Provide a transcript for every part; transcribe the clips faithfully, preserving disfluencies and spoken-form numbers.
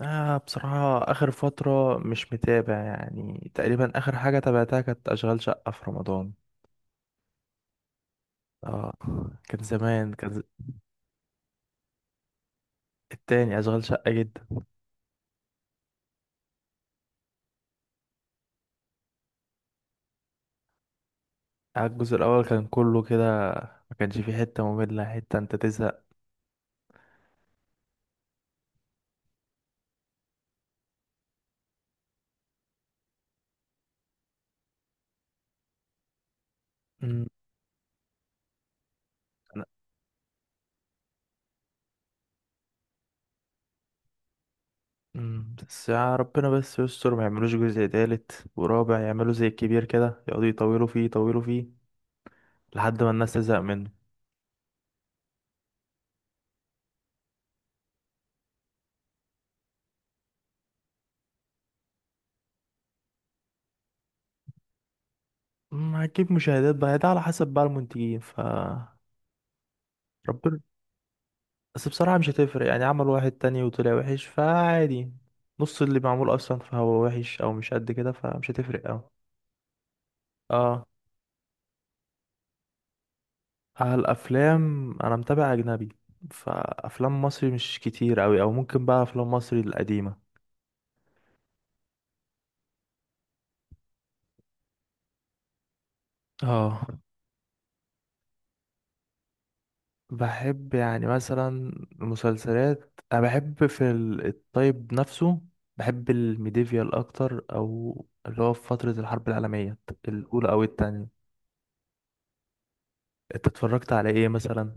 آه بصراحة آخر فترة مش متابع، يعني تقريبا آخر حاجة تابعتها كانت أشغال شقة في رمضان. آه. كان زمان كان ز- التاني أشغال شقة جدا. آه، الجزء الأول كان كله كده، ما كانش فيه حتة مملة حتة أنت تزهق. أمم، أنا- أمم، بس يا ربنا بس يستر ما يعملوش جزء تالت ورابع، يعملوا زي الكبير كده يقعدوا يطولوا فيه يطولوا فيه لحد ما الناس تزهق منه. ما هتجيب مشاهدات بقى، ده على حسب بقى المنتجين ف ربنا. بس بصراحة مش هتفرق، يعني عمل واحد تاني وطلع وحش فعادي. نص اللي معمول أصلا فهو وحش أو مش قد كده، فمش هتفرق أوي. اه. على الأفلام أنا متابع أجنبي، فأفلام مصري مش كتير أوي، أو ممكن بقى أفلام مصري القديمة. اه. بحب يعني مثلا المسلسلات، أنا بحب في ال- الطيب نفسه. بحب الميديفيال أكتر، أو اللي هو في فترة الحرب العالمية الأولى أو التانية. أنت اتفرجت على إيه مثلا؟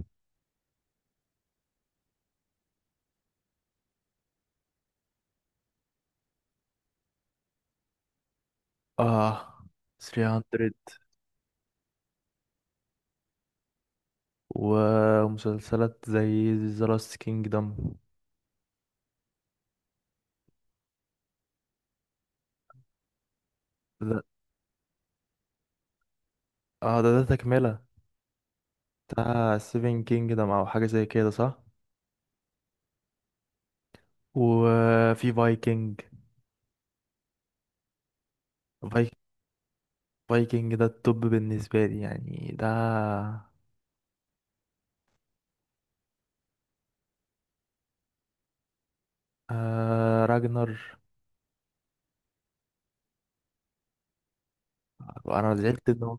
اه. ثلاثمية ومسلسلات زي ذا لاست كينجدم. ده اه، ده ده تكملة بتاع سيفن كينجدم او حاجة زي كده صح. وفي فايكنج. فايك فايكنج ده التوب بالنسبة لي، يعني ده. آه راجنر. انا زعلت ان هو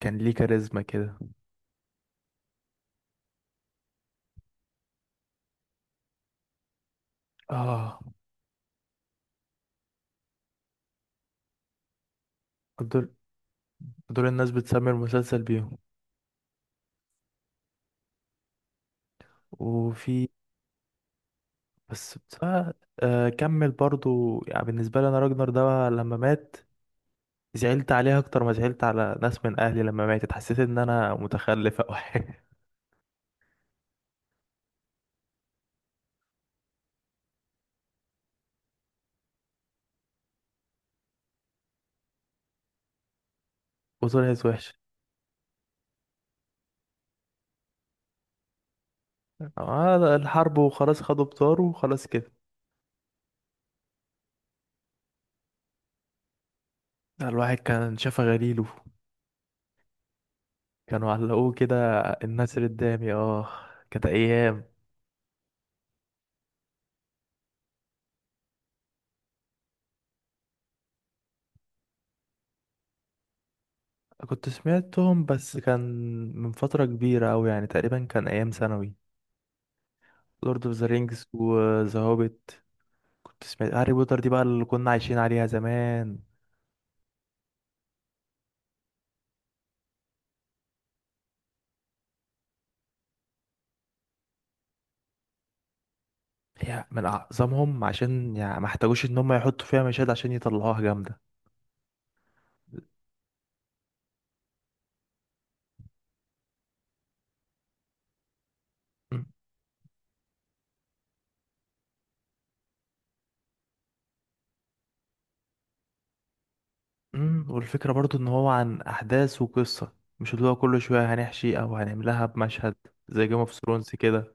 كان ليه كاريزما كده. اه. دول دول الناس بتسمي المسلسل بيهم. وفي بس بس- آه. آه، كمل برضو. يعني بالنسبة لي انا راجنر ده لما مات، زعلت عليها اكتر ما زعلت على ناس من اهلي، لما ماتت حسيت ان انا متخلف او حاجه. وطلعت وحشه. آه، الحرب وخلاص، خدوا بطاره وخلاص كده. الواحد كان شافه غليله، كانوا علقوه كده الناس اللي قدامي. اه، كانت ايام. كنت سمعتهم بس كان من فتره كبيره اوي، يعني تقريبا كان ايام ثانوي. لورد اوف ذا رينجز وذا هوبيت. كنت سمعت هاري بوتر دي بقى، اللي كنا عايشين عليها زمان. هي من أعظمهم، عشان يعني ما احتاجوش إن هم يحطوا فيها مشاهد عشان يطلعوها جامدة. أمم، والفكرة برضو إن هو عن أحداث وقصة، مش اللي هو كل شوية هنحشي أو هنعملها بمشهد زي جيم اوف ثرونز كده.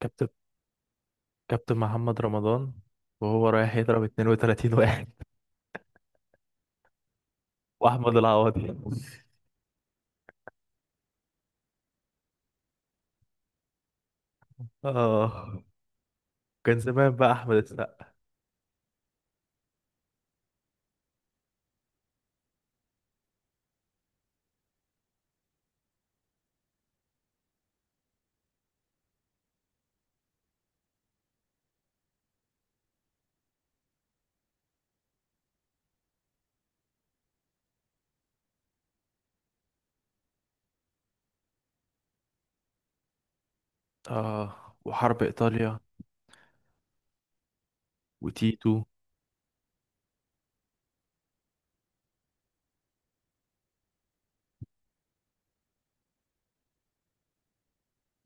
كابتن كابتن محمد رمضان وهو رايح يضرب اتنين وتلاتين واحد. وأحمد العوضي. آه، كان زمان بقى أحمد السقا. آه، وحرب إيطاليا وتيتو.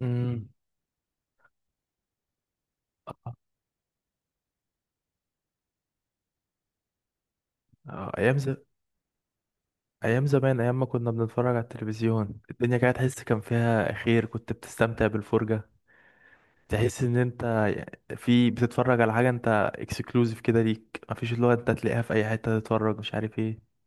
أمم، آه أيام. ايام زمان، ايام ما كنا بنتفرج على التلفزيون، الدنيا كانت تحس كان فيها خير، كنت بتستمتع بالفرجة. تحس ان انت في بتتفرج على حاجة انت اكسكلوزيف كده ليك، مفيش اللي هو انت تلاقيها في اي حتة تتفرج مش عارف ايه.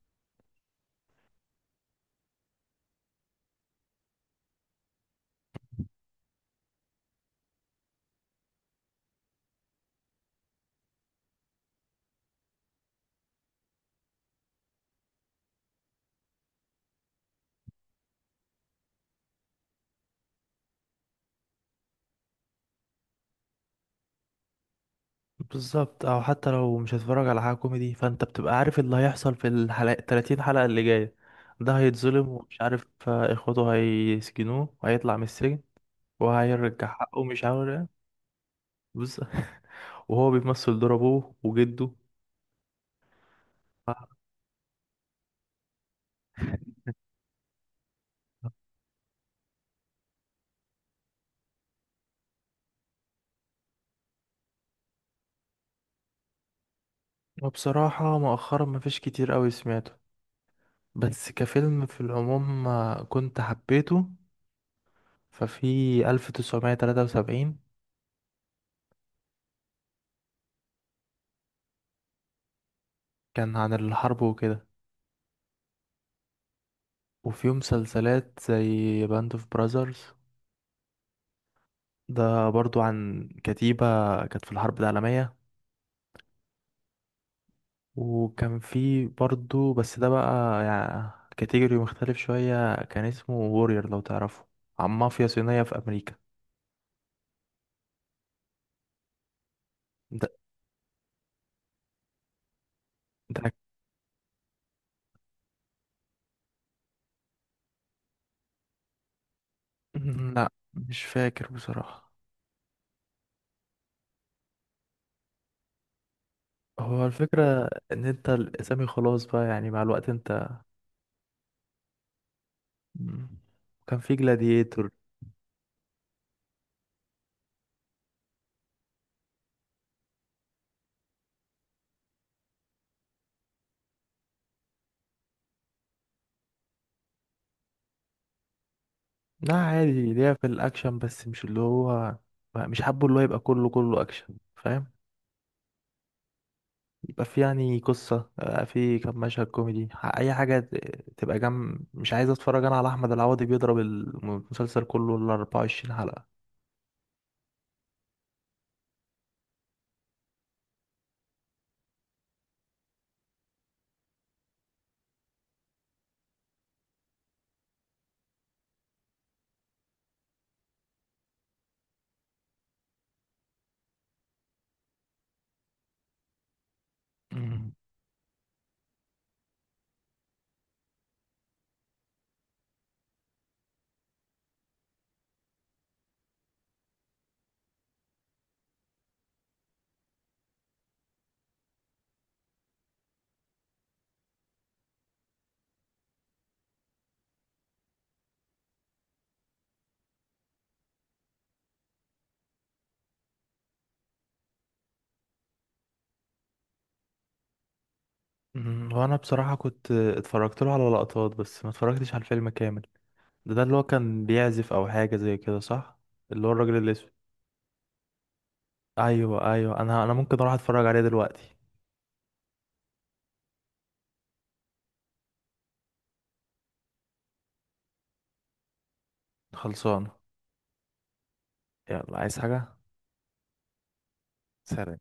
بالظبط. او حتى لو مش هتتفرج على حاجة كوميدي، فانت بتبقى عارف اللي هيحصل في الحلقة التلاتين حلقة اللي جاية. ده هيتظلم ومش عارف، اخوته هيسجنوه وهيطلع من السجن وهيرجع حقه مش عارف إيه. بص. وهو بيمثل دور ابوه وجده. وبصراحة مؤخرا مفيش كتير قوي سمعته، بس كفيلم في العموم آه، كنت حبيته. ففي ألف وتسعمية وتلاتة وسبعين، كان عن الحرب وكده. وفي مسلسلات زي باند اوف براذرز، ده برضو عن كتيبة كانت في الحرب العالمية. وكان في برضو، بس ده بقى يعني كاتيجوري مختلف شوية، كان اسمه وورير لو تعرفه، عن مافيا صينية في أمريكا. ده ده لا مش فاكر بصراحة. هو الفكرة ان انت الاسامي خلاص بقى يعني مع الوقت انت. مم. كان في جلاديتور. لا عادي، ليها في الاكشن، بس مش اللي هو ما- مش حابه اللي هو يبقى كله كله اكشن، فاهم؟ يبقى في يعني قصة، آه، في كام مشهد كوميدي ح- اي حاجة ت- تبقى جنب. مش عايز اتفرج انا على احمد العوضي بيضرب المسلسل كله ال أربعة وعشرين حلقة. مم. مم. وانا بصراحة كنت اتفرجت له على لقطات، بس ما اتفرجتش على الفيلم كامل. ده ده اللي هو كان بيعزف او حاجه زي كده صح؟ اللي هو الراجل الاسود. ايوه ايوه، انا انا ممكن اروح اتفرج عليه دلوقتي. خلصانه. يلا، عايز حاجه؟ سلام.